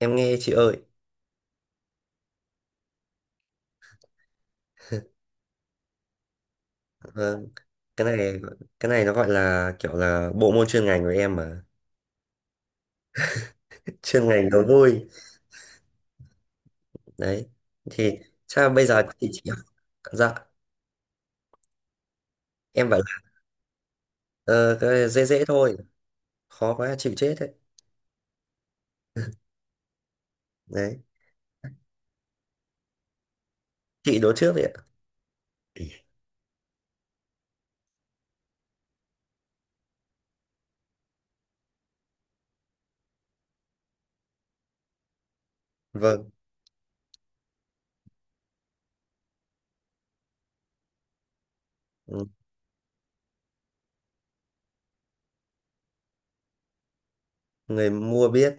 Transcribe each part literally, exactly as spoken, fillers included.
Em nghe chị ơi. ờ, cái này cái này nó gọi là kiểu là bộ môn chuyên ngành của em mà. Chuyên ngành nó vui đấy. Thì sao bây giờ chị chỉ học? Dạ, em bảo là ờ, cái dễ dễ thôi. Khó quá chịu chết đấy đấy. Chị đố trước vậy ạ. Vâng. Ừ. Người mua biết,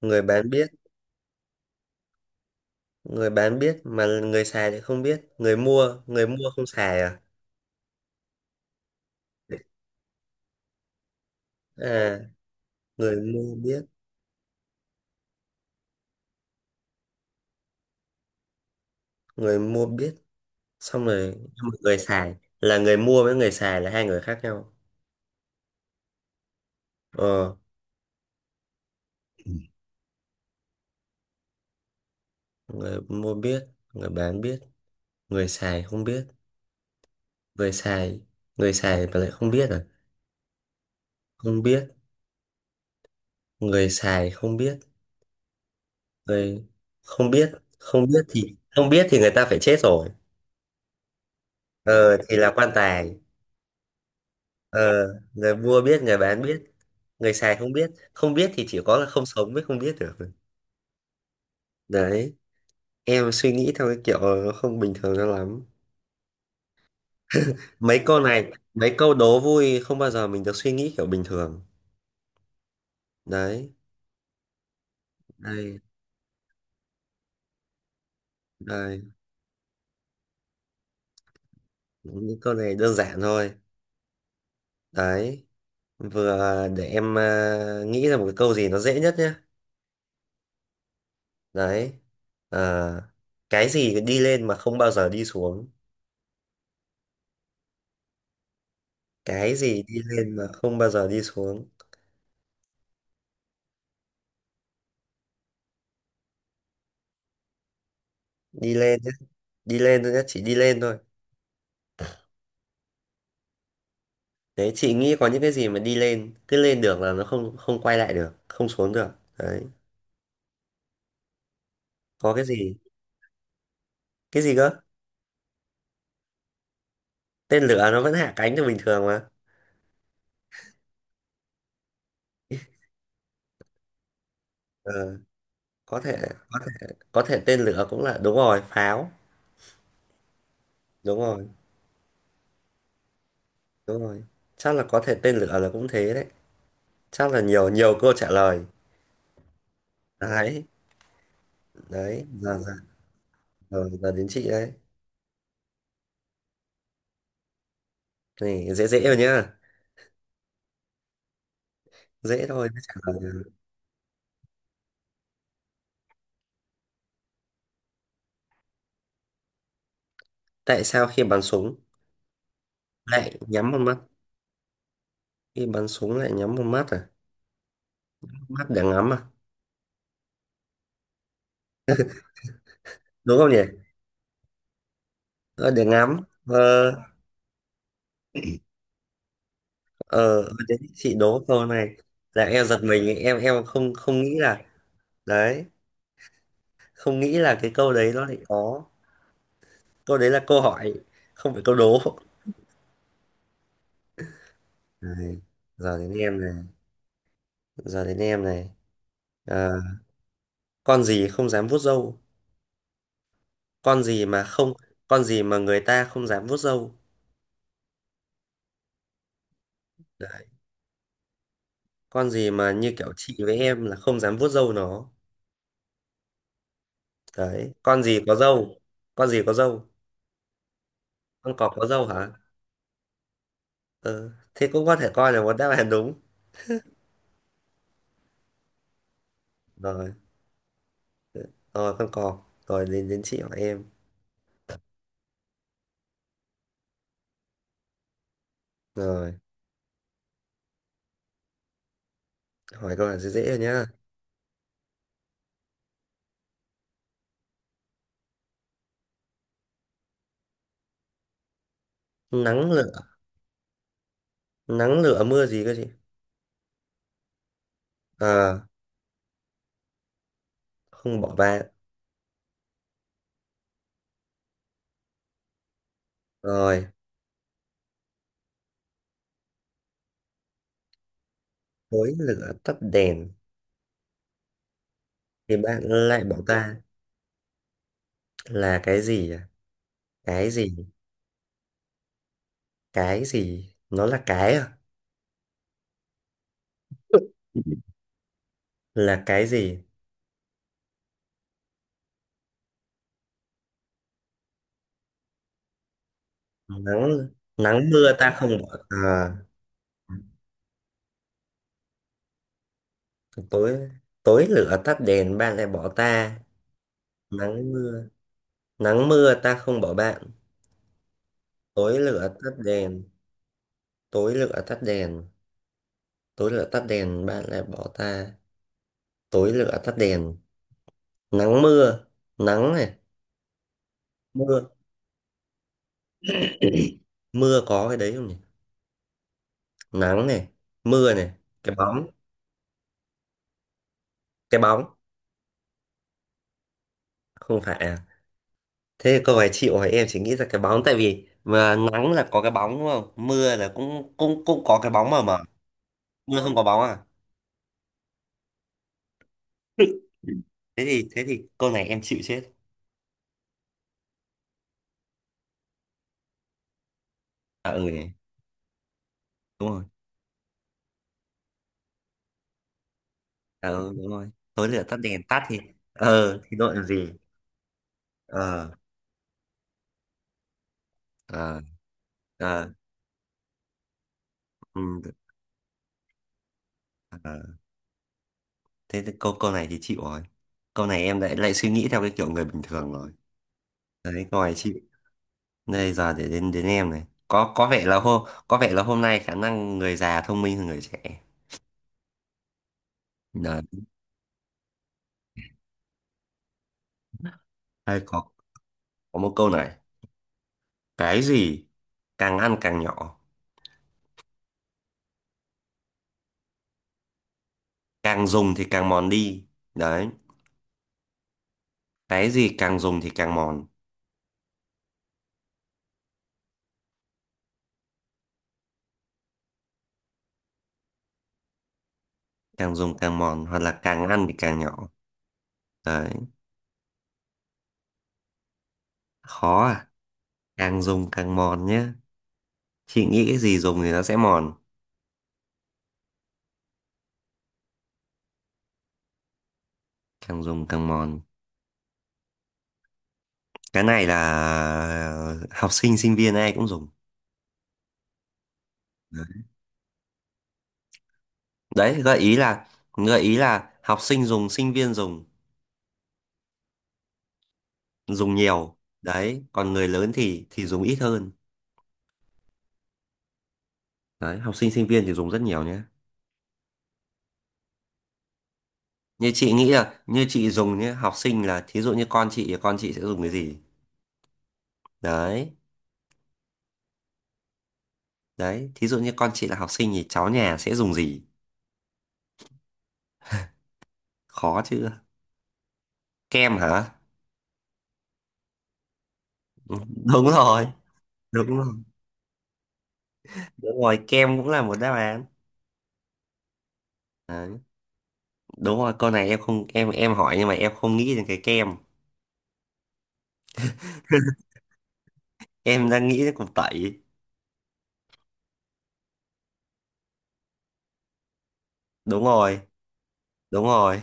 người bán biết. người bán biết mà người xài thì không biết. Người mua người mua không xài à? À, người mua biết. người mua biết xong rồi, nhưng mà người xài, là người mua với người xài là hai người khác nhau. Ờ. Ừ. Người mua biết, người bán biết, người xài không biết. người xài người xài mà lại không biết à? Không biết. Người xài không biết. người không biết. không biết thì không biết thì người ta phải chết rồi. Ờ, thì là quan tài. Ờ, người mua biết, người bán biết, người xài không biết. Không biết thì chỉ có là không sống mới không biết được. Đấy, em suy nghĩ theo cái kiểu nó không bình thường cho lắm. Mấy câu này, mấy câu đố vui không bao giờ mình được suy nghĩ kiểu bình thường. Đấy. Đây, đây những câu này đơn giản thôi. Đấy, vừa để em à, nghĩ ra một cái câu gì nó dễ nhất nhé. Đấy. À, cái gì đi lên mà không bao giờ đi xuống? Cái gì đi lên mà không bao giờ đi xuống? Đi lên nhé, đi lên thôi nhé, chỉ đi lên thôi. Đấy, chị nghĩ có những cái gì mà đi lên cứ lên được là nó không không quay lại được, không xuống được. Đấy, có cái gì? Cái gì cơ? Tên lửa nó vẫn hạ cánh như bình thường mà. Ờ, có thể. có thể có thể tên lửa cũng là đúng rồi, pháo. Đúng rồi. Đúng rồi, chắc là có thể tên lửa là cũng thế đấy. Chắc là nhiều nhiều câu trả lời. Đấy. đấy giờ giờ giờ, giờ đến chị đấy. Này dễ dễ rồi nhá, dễ thôi mới trả lời được. Tại sao khi bắn súng lại nhắm một mắt? Khi bắn súng lại nhắm một mắt à? Mắt để ngắm à? Đúng không nhỉ? Ờ, để ngắm. Ờ. Ờ, đến chị đố câu này là em giật mình, em em không không nghĩ là, đấy, không nghĩ là cái câu đấy nó lại có. Câu đấy là câu hỏi, không phải câu đố. Này, giờ đến em này. giờ đến em này Ờ, con gì không dám vuốt râu? Con gì mà không, con gì mà người ta không dám vuốt râu? Đấy, con gì mà như kiểu chị với em là không dám vuốt râu nó? Đấy, con gì có râu? Con gì có râu? Con cọp có râu hả? Ừ, thế cũng có thể coi là một đáp án đúng. Rồi, rồi con cọp. Rồi đến, đến chị hỏi em. Rồi, hỏi câu là dễ dễ rồi nhá. Nắng lửa. Nắng lửa mưa gì cơ chị? À, không bỏ bạn. Rồi, tối lửa tắt đèn thì bạn lại bỏ ta là cái gì à? Cái gì? Cái gì? Nó là cái à? Là cái gì? Nắng, nắng mưa ta không bỏ à? Tối, tối lửa tắt đèn bạn lại bỏ ta. Nắng mưa, nắng mưa ta không bỏ bạn. Tối lửa tắt đèn, tối lửa tắt đèn, tối lửa tắt đèn bạn lại bỏ ta. Tối lửa tắt đèn, nắng mưa, nắng này, mưa, mưa có cái đấy không nhỉ? Nắng này, mưa này. Cái bóng. Cái bóng. Không phải à? Thế cô phải chịu, hỏi em chỉ nghĩ ra cái bóng, tại vì mà nắng là có cái bóng, đúng không, mưa là cũng cũng cũng có cái bóng mà mà. Mưa không có bóng à? thế thì thế thì câu này em chịu chết. À ừ nhỉ. Đúng rồi. À ừ, đúng rồi, tối lửa tắt đèn tắt thì ờ thì đội làm gì. Ờ. Ờ. Ờ. Ừ. Ờ. Thế thì câu câu này thì chịu rồi. Câu này em lại lại suy nghĩ theo cái kiểu người bình thường rồi. Đấy, câu này chịu. Đây, giờ để đến, đến em này. Có, có vẻ là hôm, có vẻ là hôm nay khả năng người già thông minh hơn người trẻ. Đấy. Hay có, có một câu này. Cái gì càng ăn càng nhỏ, càng dùng thì càng mòn đi. Đấy. Cái gì càng dùng thì càng mòn, càng dùng càng mòn hoặc là càng ăn thì càng nhỏ. Đấy. Khó à? Càng dùng càng mòn nhé. Chị nghĩ cái gì dùng thì nó sẽ mòn, càng dùng càng mòn. Cái này là học sinh sinh viên ai cũng dùng. Đấy, gợi ý là, gợi ý là học sinh dùng, sinh viên dùng, dùng nhiều. Đấy, còn người lớn thì thì dùng ít hơn. Đấy, học sinh sinh viên thì dùng rất nhiều nhé. Như chị nghĩ là như chị dùng nhé, học sinh là thí dụ như con chị thì con chị sẽ dùng cái gì. Đấy. Đấy, thí dụ như con chị là học sinh thì cháu nhà sẽ dùng gì? Khó chưa? Kem hả? Ừ, đúng rồi. đúng rồi đúng rồi, kem cũng là một đáp án. Đấy. Đúng rồi, câu này em không, em em hỏi nhưng mà em không nghĩ đến cái kem. Em đang nghĩ đến cục tẩy. Đúng rồi. Đúng rồi.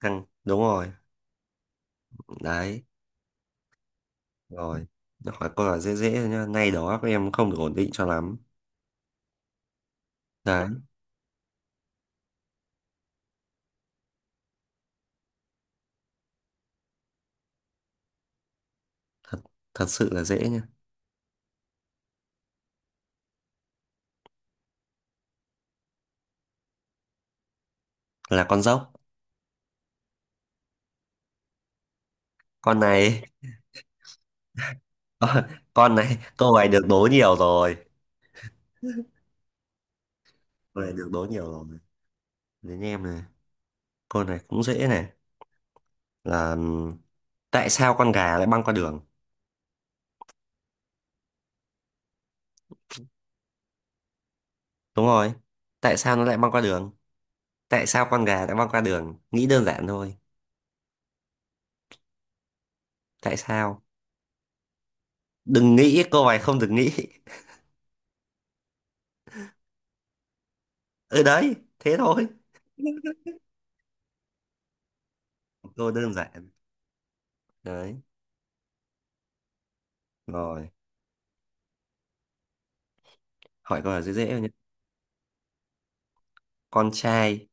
Căng đúng rồi. Đấy. Rồi, hỏi câu là dễ dễ thôi nhá. Nay đó các em không được ổn định cho lắm. Đấy. Thật, thật sự là dễ nhá. Là con dốc. Con này. Con, con này câu này được đố nhiều rồi. Câu này được đố nhiều rồi. Đến em này. Câu này cũng dễ này. Là ừm, tại sao con gà lại băng qua đường? Đúng rồi, tại sao nó lại băng qua đường? Tại sao con gà lại băng qua đường, nghĩ đơn giản thôi. Tại sao? Đừng nghĩ câu này không được nghĩ. Ừ, đấy, thế thôi. Câu đơn giản. Đấy. Rồi, hỏi câu là dễ dễ thôi nhé. Con trai.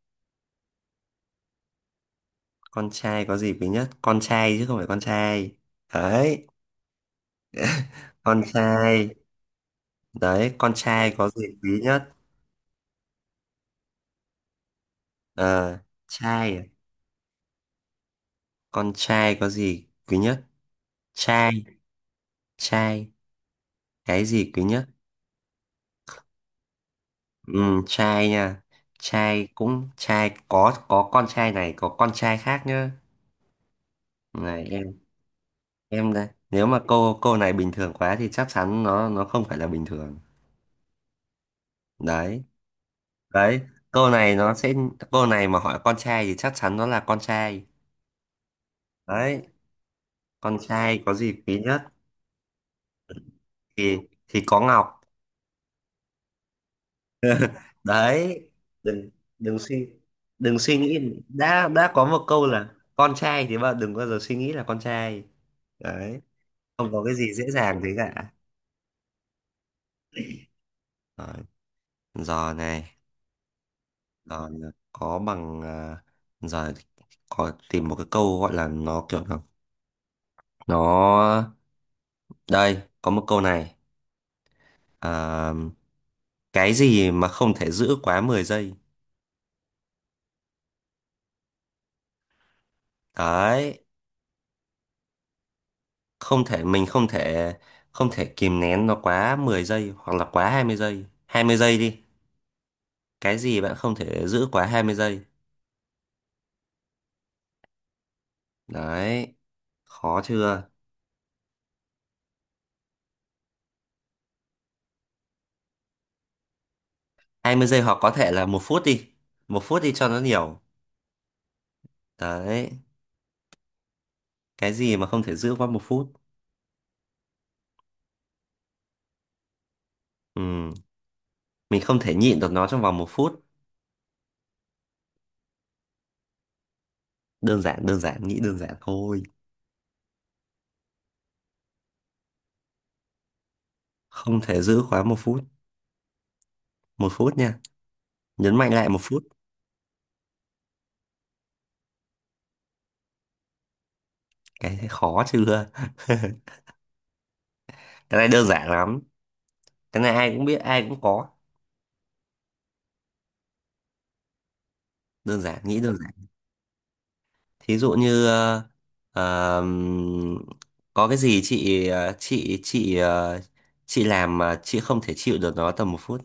Con trai có gì quý nhất. Con trai chứ không phải con trai. Đấy. Con trai. Đấy, con trai có gì quý nhất. Ờ. Trai à? Con trai có gì quý nhất. Trai. Trai, cái gì quý nhất. Ừ, trai nha. Trai, cũng trai có, có con trai này có con trai khác nhá. Này em em đây nếu mà câu câu này bình thường quá thì chắc chắn nó nó không phải là bình thường. Đấy. Đấy, câu này nó sẽ, câu này mà hỏi con trai thì chắc chắn nó là con trai. Đấy. Con trai có gì quý nhất? Thì, thì có ngọc. Đấy. Đừng, đừng suy đừng suy nghĩ đã đã có một câu là con trai thì bạn đừng bao giờ suy nghĩ là con trai. Đấy, không có cái gì dễ dàng thế cả. Đấy. Giờ này, giờ là có bằng à, giờ có tìm một cái câu gọi là nó kiểu là nó, đây có một câu này. Cái gì mà không thể giữ quá mười giây. Đấy. Không thể, mình không thể, không thể kìm nén nó quá mười giây hoặc là quá hai mươi giây, hai mươi giây đi. Cái gì bạn không thể giữ quá hai mươi giây? Đấy, khó chưa? Hai mươi giây hoặc có thể là một phút đi, một phút đi cho nó nhiều. Đấy, cái gì mà không thể giữ quá một phút? Ừ, mình không thể nhịn được nó trong vòng một phút. Đơn giản đơn giản, nghĩ đơn giản thôi. Không thể giữ quá một phút. Một phút nha, nhấn mạnh lại một phút. Cái thấy khó chưa? Cái này đơn giản lắm. Cái này ai cũng biết, ai cũng có. Đơn giản, nghĩ đơn giản. Thí dụ như ờ, ờm, có cái gì chị, ờ, chị chị ờ, chị làm mà chị không thể chịu được nó tầm một phút.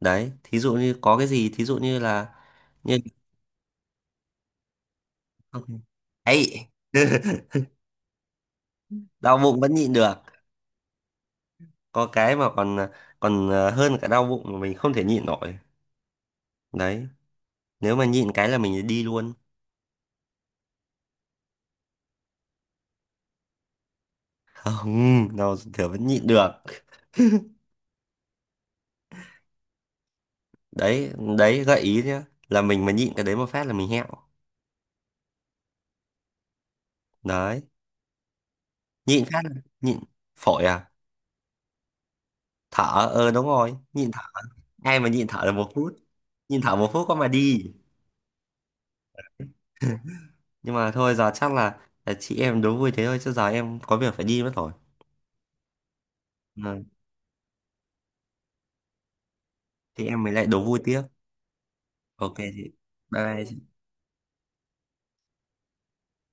Đấy, thí dụ như có cái gì, thí dụ như là, như. Ok. Ấy. Đau bụng vẫn nhịn được. Có cái mà còn ờ, còn ờ, hơn cả đau bụng mà mình không thể nhịn nổi. Đấy, nếu mà nhịn cái là mình đi luôn. Không, đau thường vẫn nhịn được. Đấy. Đấy, gợi ý nhá, là mình mà nhịn cái đấy một phát là mình hẹo. Đấy. Nhịn phát là-, nhịn, phổi à? Thở. Ờ, đúng rồi, nhịn thở. Ai mà nhịn thở được một phút? Nhịn thở một phút có mà đi. Nhưng mà thôi, giờ chắc là, là chị em đố vui thế thôi, chứ giờ em có việc phải đi mất rồi. Ừ. Thì em mới lại đố vui tiếp. Ok chị. Bye bye.